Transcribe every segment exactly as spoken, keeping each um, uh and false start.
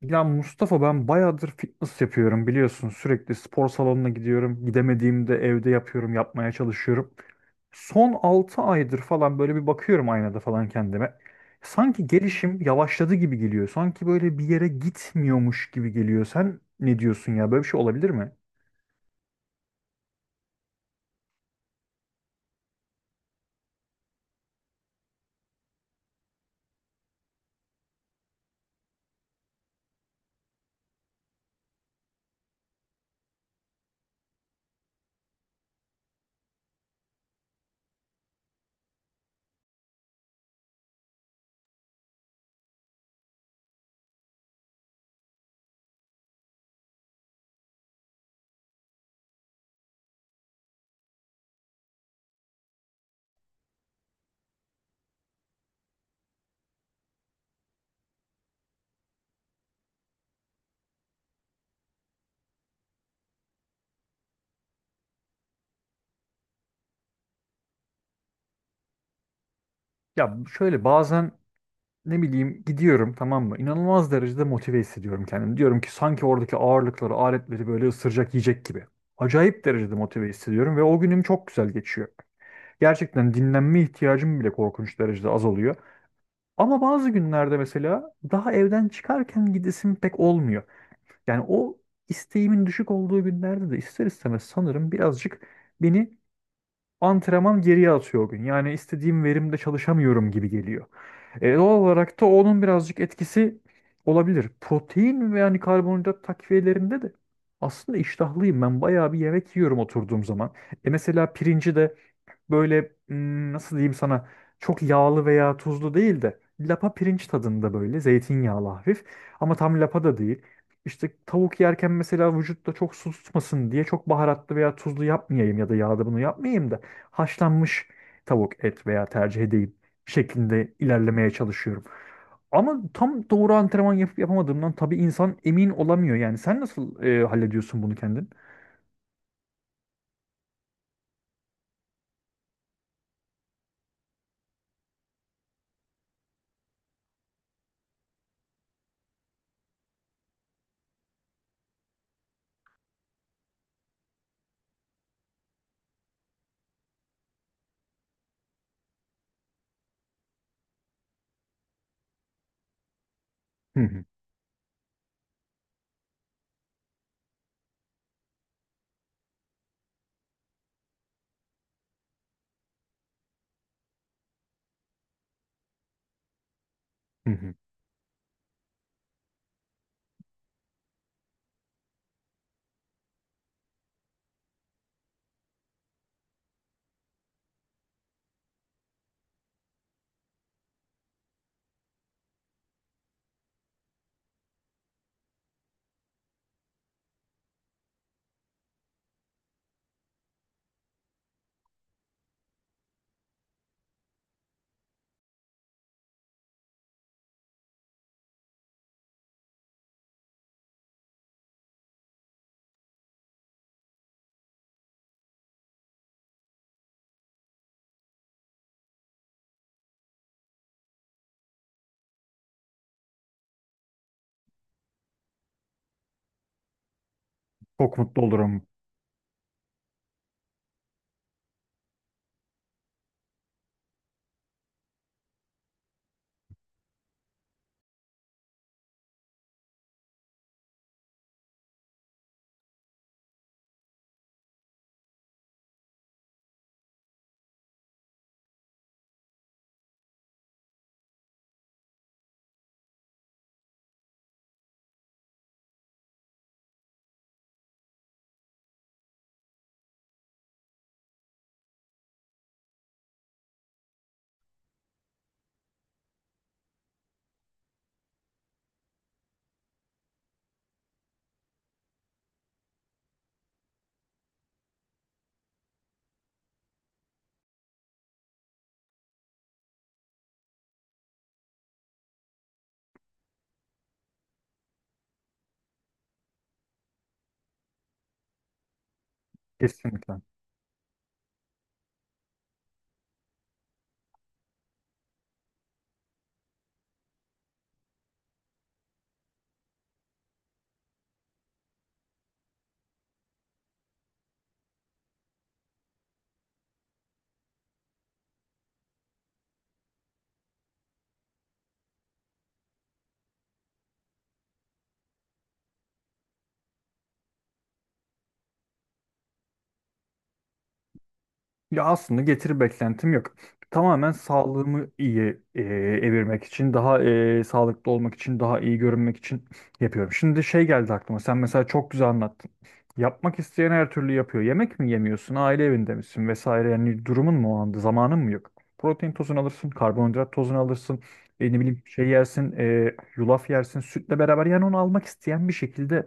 Ya Mustafa ben bayağıdır fitness yapıyorum biliyorsun. Sürekli spor salonuna gidiyorum. Gidemediğimde evde yapıyorum, yapmaya çalışıyorum. Son altı aydır falan böyle bir bakıyorum aynada falan kendime. Sanki gelişim yavaşladı gibi geliyor. Sanki böyle bir yere gitmiyormuş gibi geliyor. Sen ne diyorsun ya? Böyle bir şey olabilir mi? Ya şöyle bazen ne bileyim gidiyorum tamam mı? İnanılmaz derecede motive hissediyorum kendimi. Diyorum ki sanki oradaki ağırlıkları, aletleri böyle ısıracak yiyecek gibi. Acayip derecede motive hissediyorum ve o günüm çok güzel geçiyor. Gerçekten dinlenme ihtiyacım bile korkunç derecede az oluyor. Ama bazı günlerde mesela daha evden çıkarken gidesim pek olmuyor. Yani o isteğimin düşük olduğu günlerde de ister istemez sanırım birazcık beni antrenman geriye atıyor o gün. Yani istediğim verimde çalışamıyorum gibi geliyor. E, doğal olarak da onun birazcık etkisi olabilir. Protein ve yani karbonhidrat takviyelerinde de aslında iştahlıyım. Ben bayağı bir yemek yiyorum oturduğum zaman. E mesela pirinci de böyle hmm, nasıl diyeyim sana çok yağlı veya tuzlu değil de lapa pirinç tadında böyle zeytinyağlı hafif ama tam lapa da değil. İşte tavuk yerken mesela vücutta çok su tutmasın diye çok baharatlı veya tuzlu yapmayayım ya da yağda bunu yapmayayım da haşlanmış tavuk et veya tercih edeyim şeklinde ilerlemeye çalışıyorum. Ama tam doğru antrenman yapıp yapamadığımdan tabii insan emin olamıyor. Yani sen nasıl e, hallediyorsun bunu kendin? Hı hı, hı hı. Çok mutlu olurum. Kesinlikle. Ya aslında getiri beklentim yok. Tamamen sağlığımı iyi e, evirmek için, daha e, sağlıklı olmak için, daha iyi görünmek için yapıyorum. Şimdi şey geldi aklıma. Sen mesela çok güzel anlattın. Yapmak isteyen her türlü yapıyor. Yemek mi yemiyorsun, aile evinde misin vesaire. Yani durumun mu o anda, zamanın mı yok? Protein tozunu alırsın, karbonhidrat tozunu alırsın. E, ne bileyim şey yersin, e, yulaf yersin, sütle beraber. Yani onu almak isteyen bir şekilde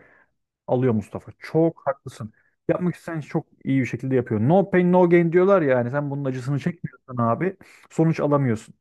alıyor Mustafa. Çok haklısın. Yapmak isteyen iş çok iyi bir şekilde yapıyor. No pain no gain diyorlar ya yani sen bunun acısını çekmiyorsan abi sonuç alamıyorsun.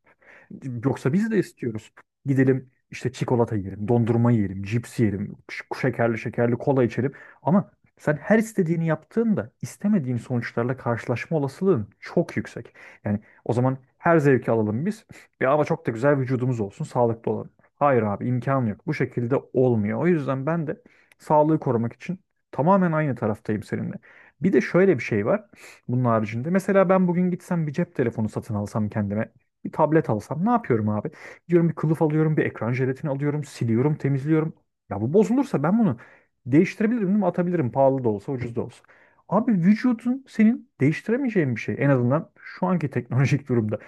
Yoksa biz de istiyoruz. Gidelim işte çikolata yiyelim, dondurma yiyelim, cips yiyelim, ş- şekerli şekerli kola içelim. Ama sen her istediğini yaptığında istemediğin sonuçlarla karşılaşma olasılığın çok yüksek. Yani o zaman her zevki alalım biz. Ya ama çok da güzel vücudumuz olsun, sağlıklı olalım. Hayır abi imkan yok. Bu şekilde olmuyor. O yüzden ben de sağlığı korumak için tamamen aynı taraftayım seninle. Bir de şöyle bir şey var bunun haricinde. Mesela ben bugün gitsem bir cep telefonu satın alsam kendime. Bir tablet alsam ne yapıyorum abi? Diyorum bir kılıf alıyorum, bir ekran jelatini alıyorum, siliyorum, temizliyorum. Ya bu bozulursa ben bunu değiştirebilirim değil mi? Atabilirim pahalı da olsa, ucuz da olsa. Abi vücudun senin değiştiremeyeceğin bir şey. En azından şu anki teknolojik durumda.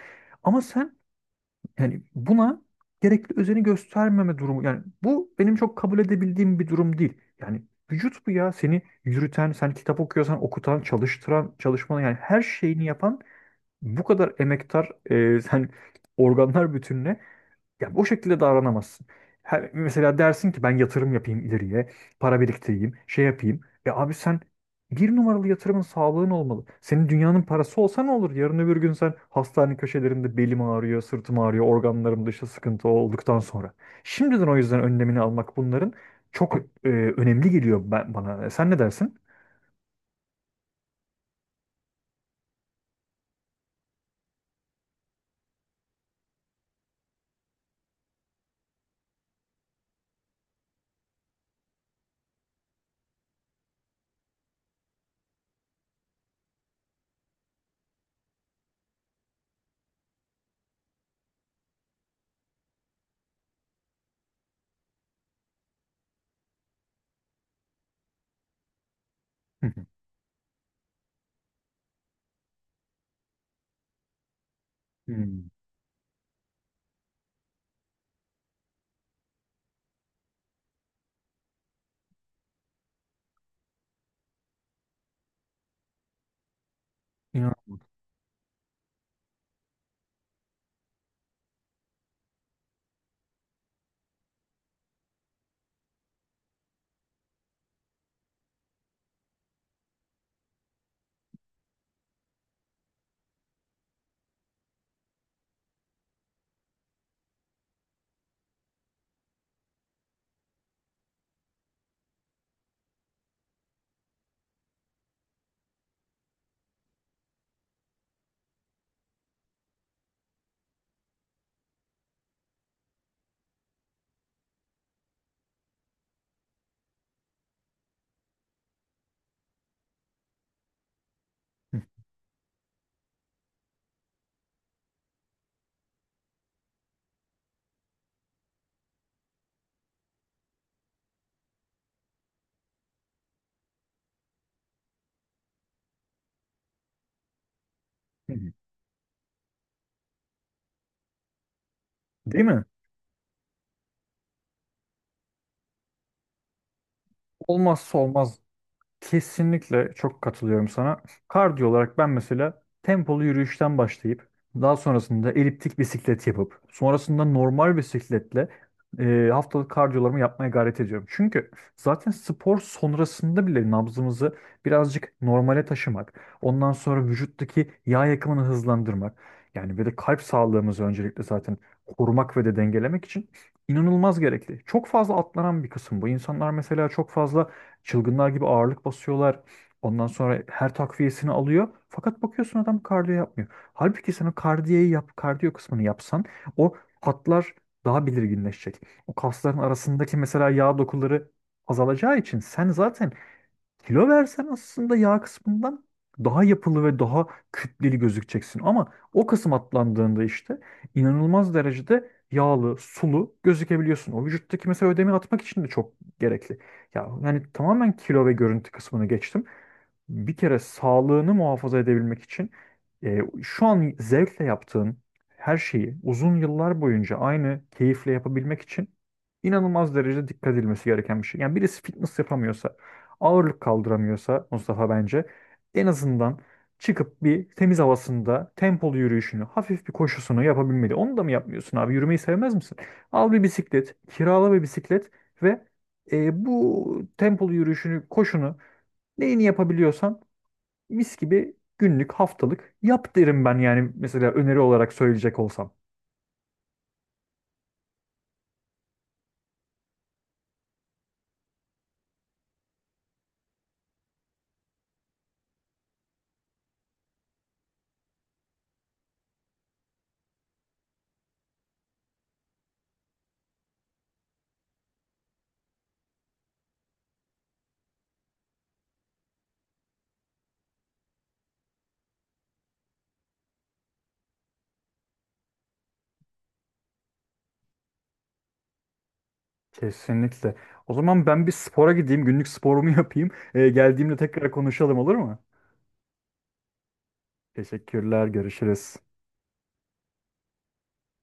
Ama sen yani buna gerekli özeni göstermeme durumu. Yani bu benim çok kabul edebildiğim bir durum değil. Yani vücut bu ya. Seni yürüten, sen kitap okuyorsan okutan, çalıştıran, çalışmanı yani her şeyini yapan bu kadar emektar e, sen organlar bütününe ya o şekilde davranamazsın. Her, mesela dersin ki ben yatırım yapayım ileriye, para biriktireyim, şey yapayım. E abi sen bir numaralı yatırımın sağlığın olmalı. Senin dünyanın parası olsa ne olur? Yarın öbür gün sen hastane köşelerinde belim ağrıyor, sırtım ağrıyor, organlarımda işte sıkıntı olduktan sonra. Şimdiden o yüzden önlemini almak bunların çok e, önemli geliyor ben, bana. E, Sen ne dersin? Hı hı. Hmm. İnanamadım. Hı hı. Değil mi? Olmazsa olmaz. Kesinlikle çok katılıyorum sana. Kardiyo olarak ben mesela tempolu yürüyüşten başlayıp daha sonrasında eliptik bisiklet yapıp sonrasında normal bisikletle e, haftalık kardiyolarımı yapmaya gayret ediyorum. Çünkü zaten spor sonrasında bile nabzımızı birazcık normale taşımak, ondan sonra vücuttaki yağ yakımını hızlandırmak yani ve de kalp sağlığımızı öncelikle zaten korumak ve de dengelemek için inanılmaz gerekli. Çok fazla atlanan bir kısım bu. İnsanlar mesela çok fazla çılgınlar gibi ağırlık basıyorlar. Ondan sonra her takviyesini alıyor. Fakat bakıyorsun adam kardiyo yapmıyor. Halbuki sen o kardiyeyi yap, kardiyo kısmını yapsan o hatlar daha belirginleşecek. O kasların arasındaki mesela yağ dokuları azalacağı için sen zaten kilo versen aslında yağ kısmından daha yapılı ve daha kütleli gözükeceksin. Ama o kısım atlandığında işte inanılmaz derecede yağlı, sulu gözükebiliyorsun. O vücuttaki mesela ödemi atmak için de çok gerekli. Ya yani tamamen kilo ve görüntü kısmını geçtim. Bir kere sağlığını muhafaza edebilmek için e, şu an zevkle yaptığın her şeyi uzun yıllar boyunca aynı keyifle yapabilmek için inanılmaz derecede dikkat edilmesi gereken bir şey. Yani birisi fitness yapamıyorsa ağırlık kaldıramıyorsa Mustafa bence en azından çıkıp bir temiz havasında tempolu yürüyüşünü, hafif bir koşusunu yapabilmeli. Onu da mı yapmıyorsun abi? Yürümeyi sevmez misin? Al bir bisiklet, kirala bir bisiklet ve e, bu tempolu yürüyüşünü, koşunu neyini yapabiliyorsan mis gibi günlük, haftalık yap derim ben yani mesela öneri olarak söyleyecek olsam. Kesinlikle. O zaman ben bir spora gideyim, günlük sporumu yapayım. E, geldiğimde tekrar konuşalım olur mu? Teşekkürler, görüşürüz.